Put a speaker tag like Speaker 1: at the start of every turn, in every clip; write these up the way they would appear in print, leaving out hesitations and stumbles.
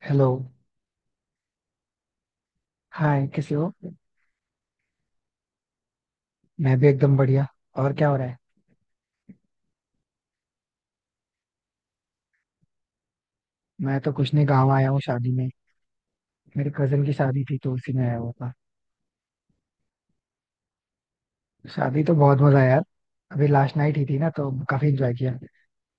Speaker 1: Hello. Hi, कैसे हो? मैं भी एकदम बढ़िया. और क्या हो रहा है? मैं तो कुछ नहीं, गाँव आया हूँ शादी में. मेरे कजन की शादी थी तो उसी में आया हुआ था. शादी तो बहुत मजा आया यार. अभी लास्ट नाइट ही थी ना, तो काफी एंजॉय किया.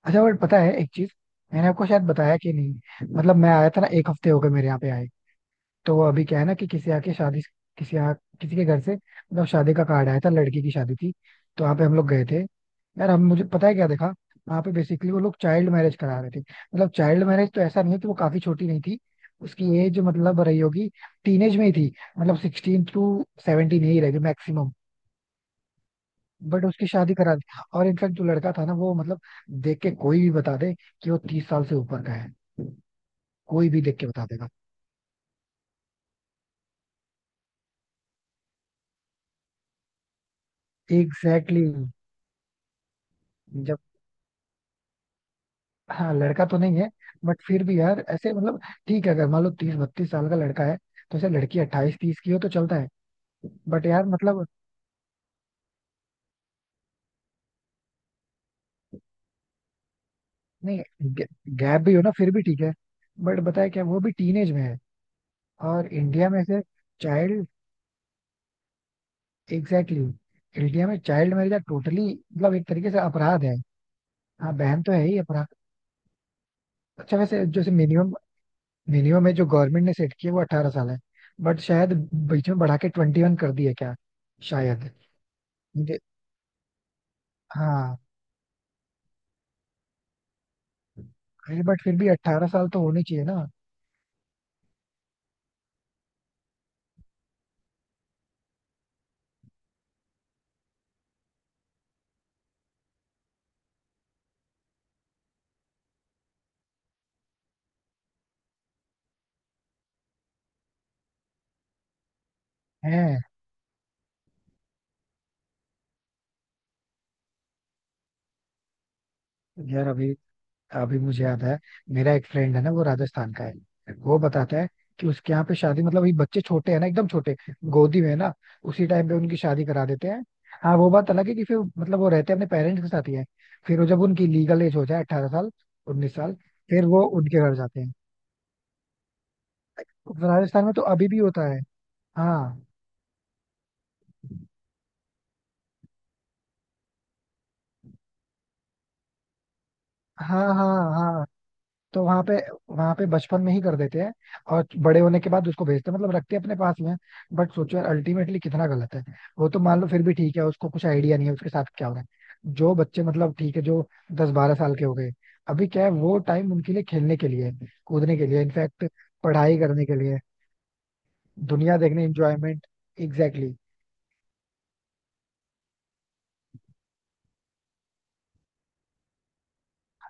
Speaker 1: अच्छा बट पता है एक चीज? मैंने आपको शायद बताया कि नहीं? मतलब मैं आया था ना, एक हफ्ते हो गए मेरे यहाँ पे आए. तो अभी क्या है ना कि किसी आके शादी, किसी आ, किसी के घर से मतलब शादी का कार्ड आया था, लड़की की शादी थी. तो वहाँ पे हम लोग गए थे. यार हम मुझे पता है क्या देखा? वहाँ पे बेसिकली वो लोग चाइल्ड मैरिज करा रहे थे, मतलब चाइल्ड मैरिज तो ऐसा नहीं है कि वो काफी छोटी नहीं थी. उसकी एज मतलब रही होगी, टीनेज में ही थी, मतलब 16 to 17 ही रहेगी मैक्सिमम. बट उसकी शादी करा दी. और इनफैक्ट जो लड़का था ना, वो मतलब देख के कोई भी बता दे कि वो 30 साल से ऊपर का है. कोई भी देख के बता देगा. Exactly exactly. हाँ लड़का तो नहीं है. बट फिर भी यार ऐसे मतलब ठीक है, अगर मान लो 30-32 साल का लड़का है तो ऐसे लड़की 28-30 की हो तो चलता है. बट यार मतलब नहीं, गैप भी हो ना फिर भी ठीक है बट बताया क्या, वो भी टीनेज में है. और इंडिया में ऐसे चाइल्ड. एग्जैक्टली exactly, इंडिया में चाइल्ड मैरिज टोटली मतलब एक तरीके से अपराध है. हाँ बहन तो है ही अपराध. अच्छा वैसे जैसे मिनिमम मिनिमम है जो गवर्नमेंट ने सेट किया वो 18 साल है. बट शायद बीच में बढ़ा के 21 कर दिया क्या, शायद. मुझे हाँ. अरे बट फिर भी 18 साल तो होने चाहिए ना. है. यार अभी अभी मुझे याद है, मेरा एक फ्रेंड है ना, वो राजस्थान का है, वो बताता है कि उसके यहाँ पे शादी मतलब अभी बच्चे छोटे हैं ना एकदम छोटे, गोदी में है ना, उसी टाइम पे उनकी शादी करा देते हैं. हाँ वो बात अलग है कि फिर मतलब वो रहते अपने पेरेंट्स के साथ ही है. फिर वो जब उनकी लीगल एज हो जाए 18 साल 19 साल, फिर वो उनके घर जाते हैं. तो राजस्थान में तो अभी भी होता है. हाँ, हाँ, हाँ, हाँ. तो वहां पे बचपन में ही कर देते हैं. और बड़े होने के बाद उसको भेजते हैं, मतलब रखते हैं अपने पास में. बट सोचो यार अल्टीमेटली कितना गलत है. वो तो मान लो फिर भी ठीक है, उसको कुछ आइडिया नहीं है उसके साथ क्या हो रहा है, जो बच्चे मतलब ठीक है जो 10-12 साल के हो गए, अभी क्या है वो टाइम उनके लिए खेलने के लिए है, कूदने के लिए, इनफैक्ट पढ़ाई करने के लिए, दुनिया देखने, इंजॉयमेंट. Exactly exactly.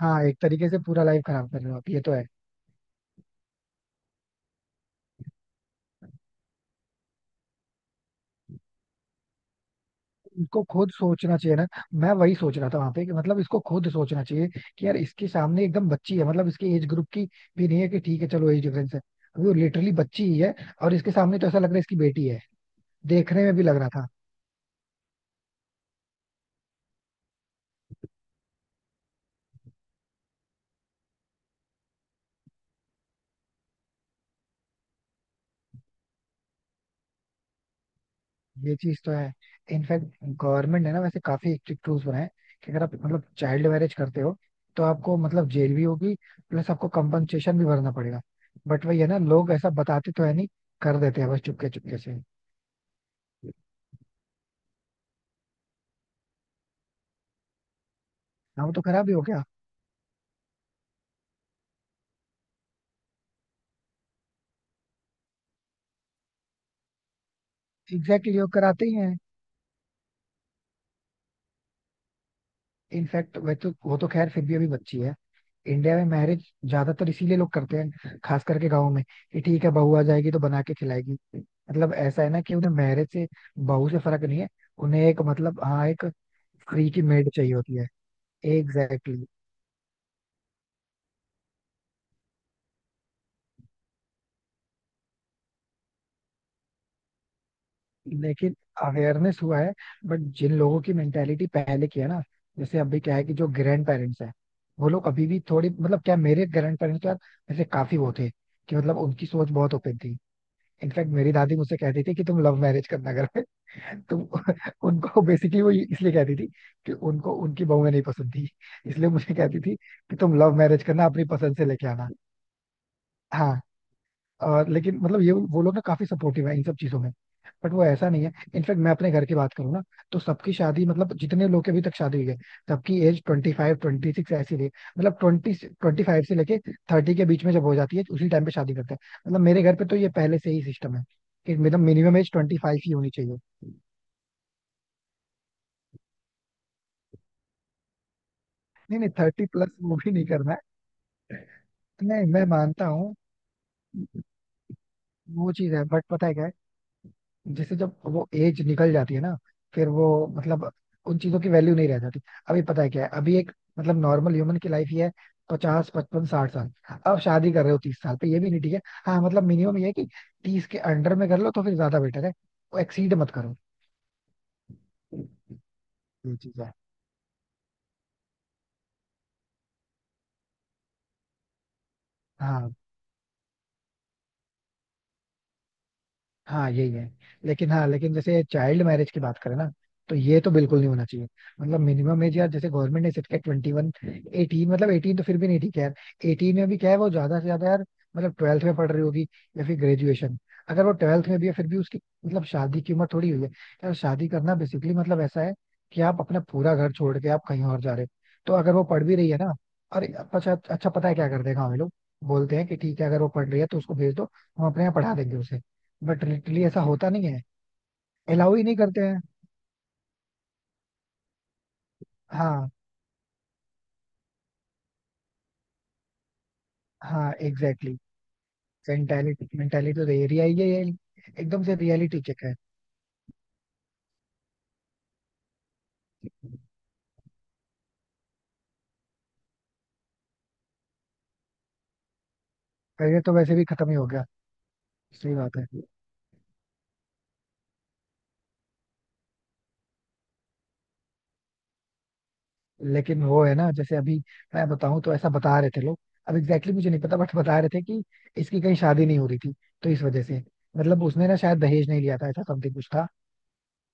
Speaker 1: हाँ एक तरीके से पूरा लाइफ खराब कर रहे हो आप, ये तो है. इसको खुद सोचना चाहिए ना. मैं वही सोच रहा था वहां पे कि मतलब इसको खुद सोचना चाहिए कि यार इसके सामने एकदम बच्ची है, मतलब इसके एज ग्रुप की भी नहीं है कि ठीक है चलो एज डिफरेंस है, वो लिटरली बच्ची ही है और इसके सामने तो ऐसा लग रहा है इसकी बेटी है. देखने में भी लग रहा था. ये चीज तो है. इनफैक्ट गवर्नमेंट ने ना वैसे काफी स्ट्रिक्ट रूल्स बनाए कि अगर आप मतलब चाइल्ड मैरिज करते हो तो आपको मतलब जेल भी होगी, प्लस आपको कंपनसेशन भी भरना पड़ेगा. बट वही है ना, लोग ऐसा बताते तो है नहीं, कर देते हैं बस चुपके चुपके से. हाँ वो तो खराब ही हो गया. एग्जैक्टली exactly, वो कराते ही हैं. इनफैक्ट वह तो वो तो खैर फिर भी अभी बच्ची है. इंडिया में मैरिज ज्यादातर इसीलिए लोग करते हैं, खास करके गाँव में, कि ठीक है बहू आ जाएगी तो बना के खिलाएगी, मतलब ऐसा है ना कि उन्हें मैरिज से बहू से फर्क नहीं है, उन्हें एक मतलब हाँ एक फ्री की मेड चाहिए होती है. Exactly exactly. लेकिन अवेयरनेस हुआ है बट जिन लोगों की मेंटेलिटी पहले की है ना, जैसे अभी क्या है कि जो ग्रैंड पेरेंट्स हैं वो लोग अभी भी थोड़ी मतलब क्या, मेरे ग्रैंड पेरेंट्स यार, वैसे काफी वो थे कि मतलब उनकी सोच बहुत ओपन थी. इनफैक्ट मेरी दादी मुझसे कहती थी कि तुम लव मैरिज करना घर में. तुम, उनको बेसिकली वो इसलिए कहती थी कि उनको उनकी बहुएं नहीं पसंद थी, इसलिए मुझे कहती थी कि तुम लव मैरिज करना, अपनी पसंद से लेके आना. हाँ. और लेकिन मतलब ये वो लोग ना काफी सपोर्टिव है इन सब चीजों में. बट वो ऐसा नहीं है, इनफैक्ट मैं अपने घर की बात करूँ ना, तो सबकी शादी मतलब जितने लोग की अभी तक शादी हुई है सबकी एज 25-26 ऐसी रही. मतलब 20-25 से लेके 30 के बीच में जब हो जाती है उसी टाइम पे शादी करते हैं. मतलब मेरे घर पे तो ये पहले से ही सिस्टम है कि मतलब मिनिमम एज 25 ही होनी चाहिए. नहीं, नहीं, 30+ वो भी नहीं करना है. नहीं मैं मानता हूँ. वो चीज है बट पता है क्या, जैसे जब वो एज निकल जाती है ना फिर वो मतलब उन चीजों की वैल्यू नहीं रह जाती. अभी पता है क्या है, अभी एक मतलब नॉर्मल ह्यूमन की लाइफ ही है 50 55 60 साल. अब शादी कर रहे हो 30 साल पे, ये भी नहीं ठीक है. हाँ मतलब मिनिमम ये है कि 30 के अंडर में कर लो तो फिर ज्यादा बेटर है, वो एक्सीड मत करो. ये चीज है. हाँ, हाँ यही है. लेकिन हाँ लेकिन जैसे चाइल्ड मैरिज की बात करें ना तो ये तो बिल्कुल नहीं होना चाहिए. मतलब मिनिमम एज यार जैसे गवर्नमेंट ने सेट किया 21 18, मतलब 18 तो फिर भी नहीं ठीक है यार. 18 में भी क्या है वो ज्यादा से ज्यादा यार मतलब 12th में पढ़ रही होगी या फिर ग्रेजुएशन. अगर वो 12th में भी है फिर भी उसकी मतलब शादी की उम्र थोड़ी हुई है. यार शादी करना बेसिकली मतलब ऐसा है कि आप अपना पूरा घर छोड़ के आप कहीं और जा रहे हो. तो अगर वो पढ़ भी रही है ना और अच्छा अच्छा पता है क्या कर देगा, हमें लोग बोलते हैं कि ठीक है अगर वो पढ़ रही है तो उसको भेज दो, हम अपने यहाँ पढ़ा देंगे उसे. बट लिटरली ऐसा होता नहीं है, अलाउ ही नहीं करते हैं. हाँ, हाँ एग्जैक्टली. मेंटालिटी मेंटालिटी तो ये रिया ये एकदम से रियलिटी चेक है. करियर तो वैसे भी खत्म ही हो गया. सही बात है. लेकिन वो है ना, जैसे अभी मैं बताऊं तो ऐसा बता रहे थे लोग, अब एग्जैक्टली मुझे नहीं पता बट बता रहे थे कि इसकी कहीं शादी नहीं हो रही थी तो इस वजह से मतलब उसने ना शायद दहेज नहीं लिया था, ऐसा समथिंग कुछ था.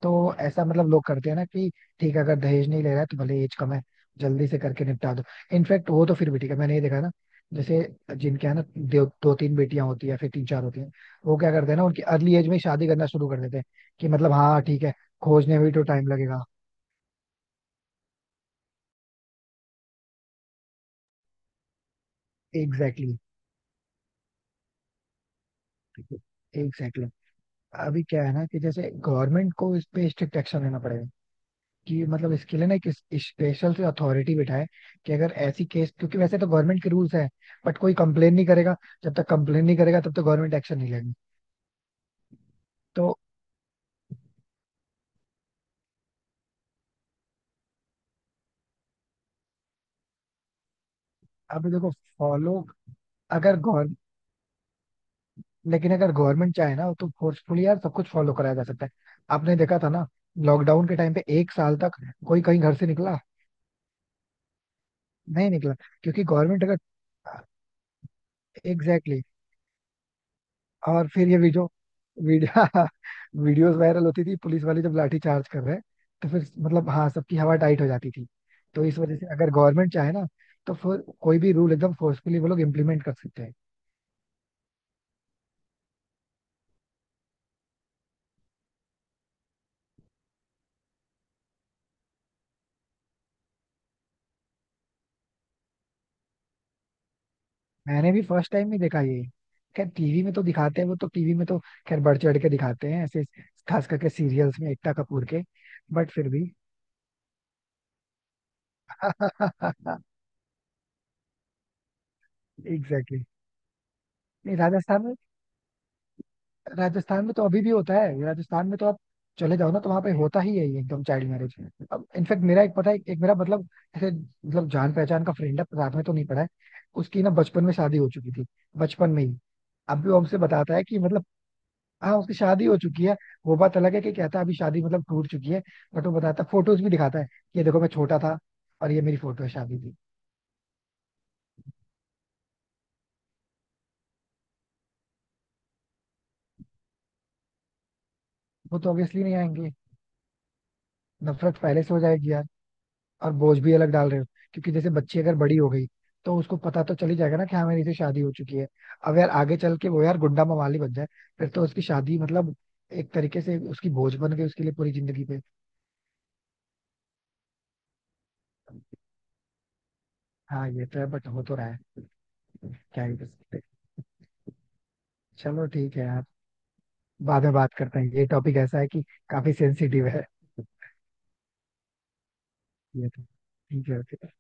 Speaker 1: तो ऐसा मतलब लोग करते हैं ना कि ठीक है अगर दहेज नहीं ले रहा है तो भले एज कम है, जल्दी से करके निपटा दो. इनफैक्ट वो तो फिर भी ठीक है, मैंने ये देखा ना, जैसे जिनके यहाँ ना दो, दो तीन बेटियां होती है या फिर 3-4 होती हैं, वो क्या करते हैं ना उनकी अर्ली एज में ही शादी करना शुरू कर देते हैं कि मतलब हाँ ठीक है, खोजने में भी तो टाइम लगेगा. Exactly exactly. Exactly exactly. अभी क्या है ना कि जैसे गवर्नमेंट को इस पे स्ट्रिक्ट एक्शन लेना पड़ेगा कि मतलब इसके लिए ना एक स्पेशल से अथॉरिटी बिठाए कि अगर ऐसी केस, क्योंकि वैसे तो गवर्नमेंट के रूल्स हैं बट कोई कंप्लेन नहीं करेगा, जब तक कंप्लेन नहीं करेगा तब तक गवर्नमेंट एक्शन नहीं लेगी. तो अभी देखो फॉलो अगर गौर लेकिन अगर गवर्नमेंट चाहे ना तो फोर्सफुली यार सब कुछ फॉलो कराया जा सकता है. आपने देखा था ना लॉकडाउन के टाइम पे, 1 साल तक कोई कहीं घर से निकला, नहीं निकला, क्योंकि गवर्नमेंट अगर एग्जैक्टली. और फिर ये वीडियो वीडियो वीडियोस वायरल होती थी, पुलिस वाले जब लाठी चार्ज कर रहे हैं. तो फिर मतलब हाँ सबकी हवा टाइट हो जाती थी. तो इस वजह से अगर गवर्नमेंट चाहे ना तो फिर कोई भी रूल एकदम फोर्सफुली वो लोग इम्प्लीमेंट कर सकते हैं. मैंने भी फर्स्ट टाइम ही देखा ये. खैर टीवी में तो दिखाते हैं, वो तो टीवी में तो खैर बढ़ चढ़ के दिखाते हैं ऐसे, खास करके सीरियल्स में एकता कपूर के. बट फिर भी एग्जैक्टली exactly. नहीं राजस्थान में, राजस्थान में तो अभी भी होता है, राजस्थान में तो आप चले जाओ ना तो वहां पे होता ही है ये एकदम चाइल्ड मैरिज. अब इनफेक्ट मेरा एक पता है एक मेरा मतलब ऐसे मतलब जान पहचान का फ्रेंड है, साथ में तो नहीं पड़ा है. उसकी ना बचपन में शादी हो चुकी थी, बचपन में ही. अब भी वो हमसे बताता है कि मतलब हाँ उसकी शादी हो चुकी है. वो बात अलग है कि कहता है अभी शादी मतलब टूट चुकी है. बट वो बताता है, फोटोज भी दिखाता है कि ये देखो मैं छोटा था और ये मेरी फोटो है शादी की. वो तो ऑब्वियसली नहीं आएंगे, नफरत पहले से हो जाएगी यार और बोझ भी अलग डाल रहे हो. क्योंकि जैसे बच्ची अगर बड़ी हो गई तो उसको पता तो चल ही जाएगा ना कि हाँ मेरी से शादी हो चुकी है. अब यार आगे चल के वो यार गुंडा मवाली बन जाए, फिर तो उसकी शादी मतलब एक तरीके से उसकी बोझ बन गई उसके लिए पूरी जिंदगी पे. हाँ ये तो है बट हो तो रहा है. क्या ही कर सकते हैं. चलो ठीक है यार, बाद में बात करते हैं, ये टॉपिक ऐसा है कि काफी सेंसिटिव है. ये तो ठीक है okay, bye.